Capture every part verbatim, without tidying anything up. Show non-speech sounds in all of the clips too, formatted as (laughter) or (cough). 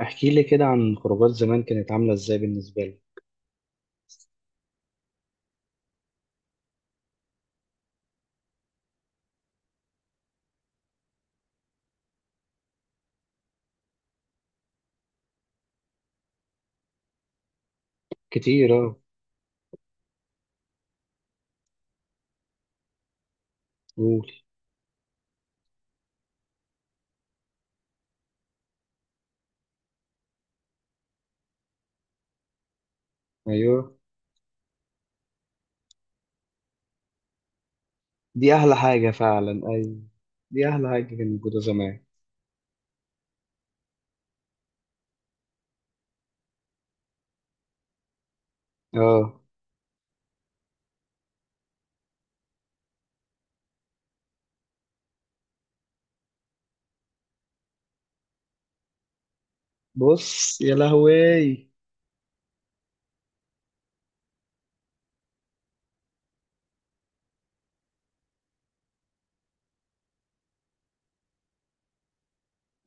احكي لي كده عن خروجات زمان كانت عاملة ازاي بالنسبة لك؟ كتير، اه. قول. ايوه، دي احلى حاجة فعلا، ايوه. دي احلى حاجة كانت موجودة زمان. اه. بص يا لهوي.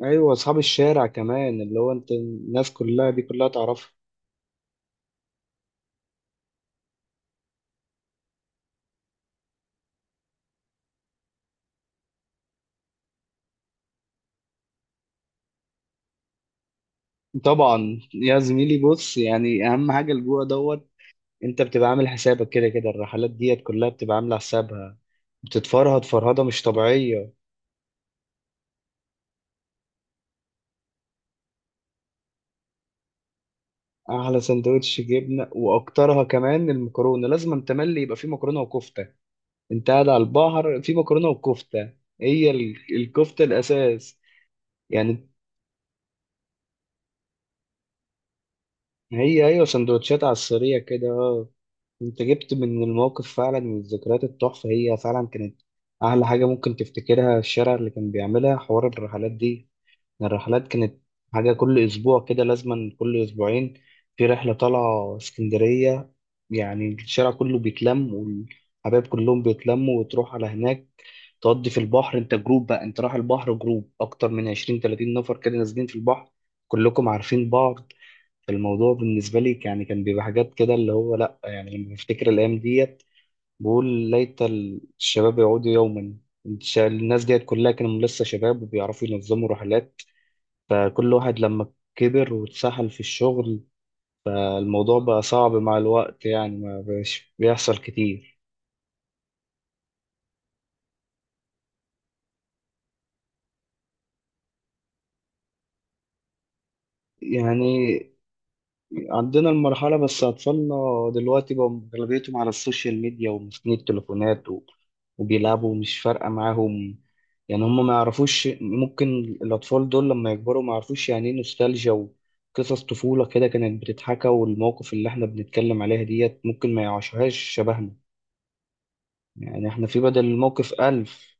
ايوه، اصحاب الشارع كمان، اللي هو انت الناس كلها دي كلها تعرفها. طبعا يا زميلي، بص، يعني اهم حاجة الجوع دوت. انت بتبقى عامل حسابك كده كده، الرحلات ديت كلها بتبقى عاملة حسابها. بتتفرهد فرهدة مش طبيعية. احلى سندوتش جبنه، واكترها كمان المكرونه، لازم أن تملي يبقى فيه مكرونه وكفته. انت قاعد على البحر فيه مكرونه وكفته. هي ال- الكفته الاساس، يعني. هي ايوه، سندوتشات على السريع كده، اه. انت جبت من الموقف فعلا من الذكريات التحفه، هي فعلا كانت احلى حاجه ممكن تفتكرها. الشارع اللي كان بيعملها حوار الرحلات دي، الرحلات كانت حاجة كل أسبوع كده، لازما كل أسبوعين في رحلة طالعة اسكندرية. يعني الشارع كله بيتلم والحبايب كلهم بيتلموا وتروح على هناك، تقضي في البحر. أنت جروب بقى، أنت رايح البحر جروب أكتر من عشرين تلاتين نفر كده نازلين في البحر، كلكم عارفين بعض. فالموضوع بالنسبة لي، يعني كان بيبقى حاجات كده اللي هو لأ. يعني لما بفتكر الأيام ديت، بقول ليت الشباب يعودوا يوما. الش- الناس ديت كلها كانوا لسه شباب وبيعرفوا ينظموا رحلات. فكل واحد لما كبر واتسحل في الشغل، آه، الموضوع بقى صعب مع الوقت. يعني ما بقاش بيحصل كتير. يعني عندنا المرحلة بس أطفالنا دلوقتي بقى أغلبيتهم على السوشيال ميديا وماسكين التليفونات و... وبيلعبوا مش فارقة معاهم. يعني هم ما يعرفوش، ممكن الأطفال دول لما يكبروا ما يعرفوش يعني إيه نوستالجيا وقصص طفولة كده كانت بتتحكى. والمواقف اللي إحنا بنتكلم عليها ديت ممكن ما يعيشوهاش شبهنا. يعني إحنا في بدل الموقف ألف.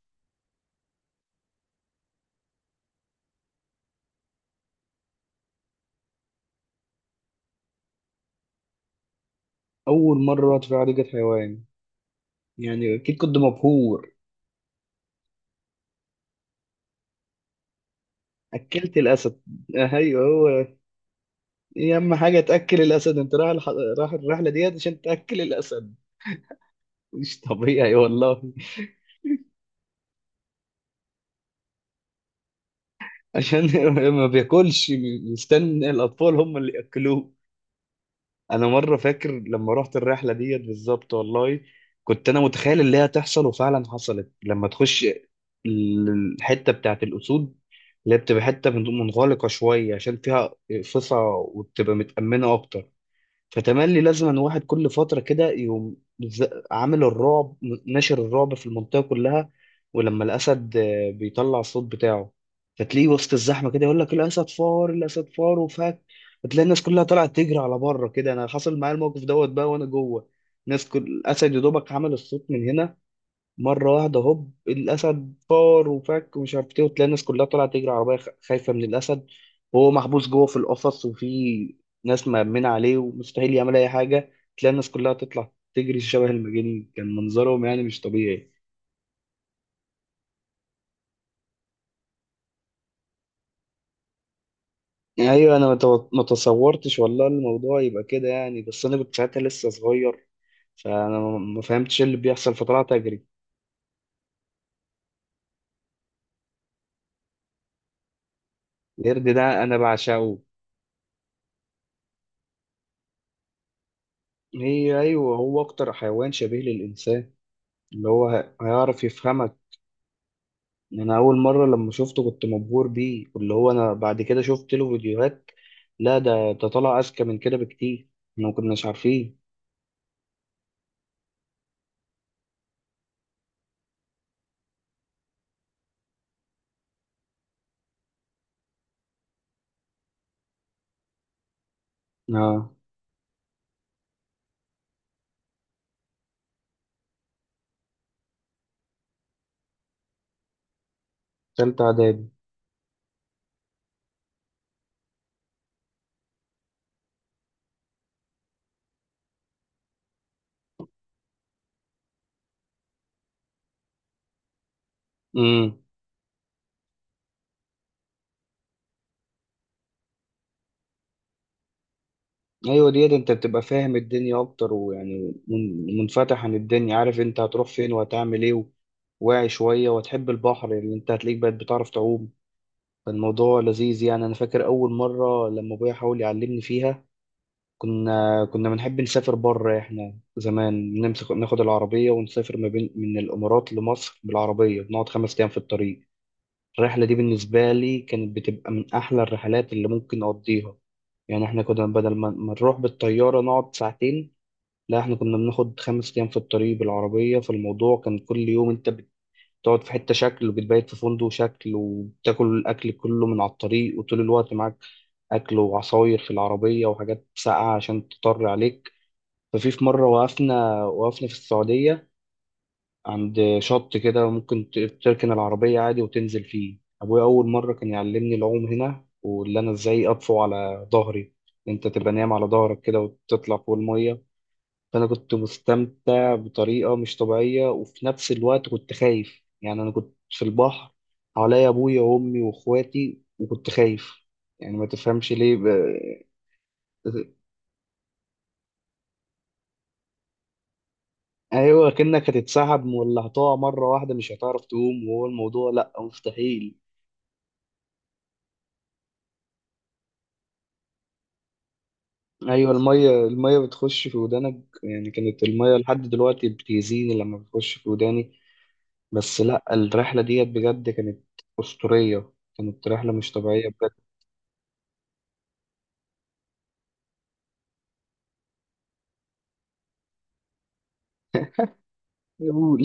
أول مرة أطفي حديقة حيوان، يعني أكيد كنت مبهور. أكلت الأسد. آه، أيوه. هو إيه أهم حاجة تأكل الأسد؟ أنت رايح الح... رايح الرحلة ديت عشان تأكل الأسد. مش طبيعي والله. (laughs) عشان ما بياكلش، مستني الأطفال هم اللي يأكلوه. انا مره فاكر لما رحت الرحله ديت بالظبط والله، كنت انا متخيل اللي هي تحصل، وفعلا حصلت لما تخش ال- الحته بتاعت الاسود، اللي هي بتبقى حته من- منغلقه شويه عشان فيها فصا وبتبقى متامنه اكتر. فتملي لازما واحد كل فترة كده يقوم، ز- عامل الرعب، ناشر الرعب في المنطقة كلها. ولما الأسد آه، بيطلع الصوت بتاعه، فتلاقيه وسط الزحمة كده يقول لك الأسد فار، الأسد فار وفك. فتلاقي الناس كلها طلعت تجري على بره كده. أنا حصل معايا الموقف دوت بقى وأنا جوه الناس. كل الأسد يا دوبك عمل الصوت من هنا مرة واحدة، هوب الأسد فار وفك ومش عارف إيه، وتلاقي الناس كلها طالعة تجري عربية خ- خايفة من الأسد. وهو محبوس جوه في القفص، وفي ناس مأمنة عليه ومستحيل يعمل أي حاجة. تلاقي الناس كلها تطلع تجري شبه المجانين، كان منظرهم يعني مش طبيعي. أيوة، أنا ما تو- ما تصورتش والله الموضوع يبقى كده. يعني بس أنا كنت ساعتها لسه صغير، فأنا ما ما فهمتش إيه اللي بيحصل فطلعت أجري. القرد ده أنا بعشقه. هي أيوة، هو أكتر حيوان شبيه للإنسان، اللي هو هيعرف يفهمك. إن انا اول مره لما شفته كنت مبهور بيه. واللي هو انا بعد كده شفت له فيديوهات، لا ده ده طلع اذكى من كده بكتير، احنا ما كناش عارفين. اه. تالتة اعدادي. امم. ايوه ديت انت بتبقى فاهم الدنيا اكتر، ويعني من- منفتح عن الدنيا، عارف انت هتروح فين وهتعمل ايه. واعي شويه وتحب البحر، اللي انت هتلاقيك بقت بتعرف تعوم. فالموضوع لذيذ. يعني انا فاكر اول مره لما ابويا حاول يعلمني فيها، كنا كنا بنحب نسافر بره. احنا زمان نمسك ناخد العربية ونسافر ما بين من الإمارات لمصر بالعربية، بنقعد خمس أيام في الطريق. الرحلة دي بالنسبة لي كانت بتبقى من أحلى الرحلات اللي ممكن أقضيها. يعني احنا كنا بدل ما ما نروح بالطيارة نقعد ساعتين، لا احنا كنا بناخد خمس أيام في الطريق بالعربية. فالموضوع كان كل يوم انت بتقعد في حتة شكل وبتبيت في فندق شكل وبتاكل الأكل كله من على الطريق. وطول الوقت معاك أكل وعصاير في العربية وحاجات ساقعة عشان تضطر عليك. ففي في مرة وقفنا وقفنا في السعودية عند شط كده، ممكن ت- تركن العربية عادي وتنزل فيه. أبويا أول مرة كان يعلمني العوم هنا، واللي أنا إزاي أطفو على ظهري. أنت تبقى نايم على ظهرك كده وتطلع فوق المية. فأنا كنت مستمتع بطريقة مش طبيعية، وفي نفس الوقت كنت خايف. يعني أنا كنت في البحر، حواليا أبويا وأمي وأخواتي وكنت خايف. يعني ما تفهمش ليه ب... ايوه كأنك هتتسحب ولا هتقع مرة واحدة مش هتعرف تقوم. وهو الموضوع لا، مستحيل. ايوه، المية المية بتخش في ودانك، يعني كانت المية لحد دلوقتي بتأذيني لما بتخش في وداني. بس لا، الرحلة ديت بجد كانت أسطورية، كانت رحلة مش طبيعية بجد. يقول.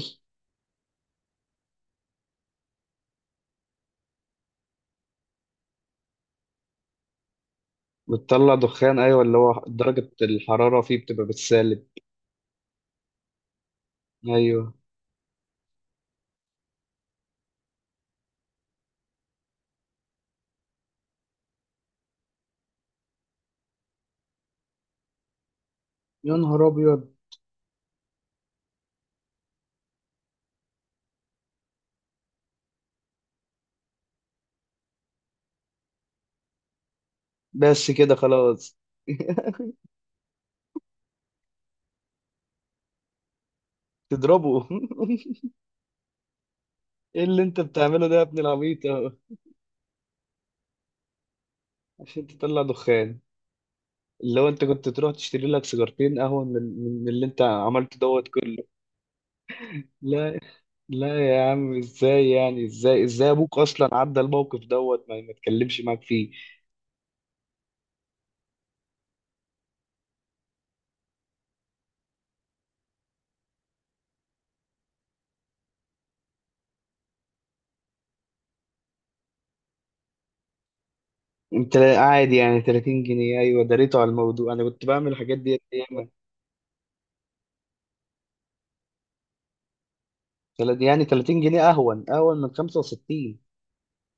بتطلع دخان، ايوه اللي هو درجة الحرارة فيه بتبقى بالسالب. ايوه. يا نهار ابيض. بس كده خلاص. (laughs) تضربه. (laughs) ايه اللي انت بتعمله ده يا ابن العبيط؟ عشان تطلع دخان. اللي هو انت كنت تروح تشتري لك سيجارتين قهوة من, من من اللي انت عملته دوت كله. لا، لا يا عم، ازاي يعني؟ ازاي ازاي ابوك اصلا عدى الموقف دوت ما ما اتكلمش معاك فيه؟ انت قاعد يعني تلاتين جنيه؟ ايوه دريته على الموضوع، انا كنت بعمل الحاجات دي ايام. يعني تلاتين جنيه اهون، اهون من خمسة وستين.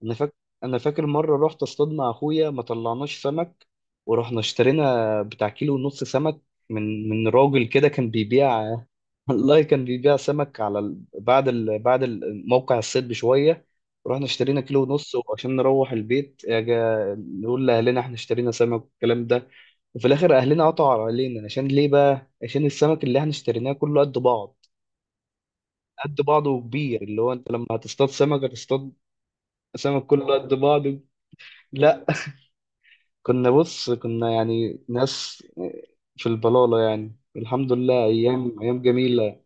انا فاكر، انا فاكر مره رحت اصطاد مع اخويا ما طلعناش سمك، ورحنا اشترينا بتاع كيلو ونص سمك من من راجل كده كان بيبيع (laughs) والله كان بيبيع سمك على ال... بعد ال... بعد ال... موقع الصيد بشويه. رحنا اشترينا كيلو ونص، وعشان نروح البيت اجا نقول لاهلنا احنا اشترينا سمك والكلام ده. وفي الاخر اهلنا قطعوا علينا. عشان ليه بقى؟ عشان السمك اللي احنا اشتريناه كله قد بعض، قد بعضه وكبير. اللي هو انت لما هتصطاد سمك هتصطاد سمك كله قد بعضه؟ لا. كنا بص كنا يعني ناس في البلالة. يعني الحمد لله أيام، أيام جميلة.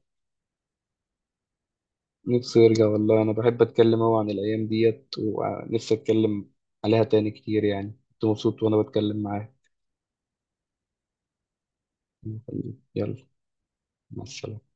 نفسي يرجع والله. أنا بحب أتكلم أوي عن الأيام ديت ونفسي أتكلم عليها تاني كتير. يعني كنت مبسوط وأنا بتكلم معاك. يلا، مع السلامة.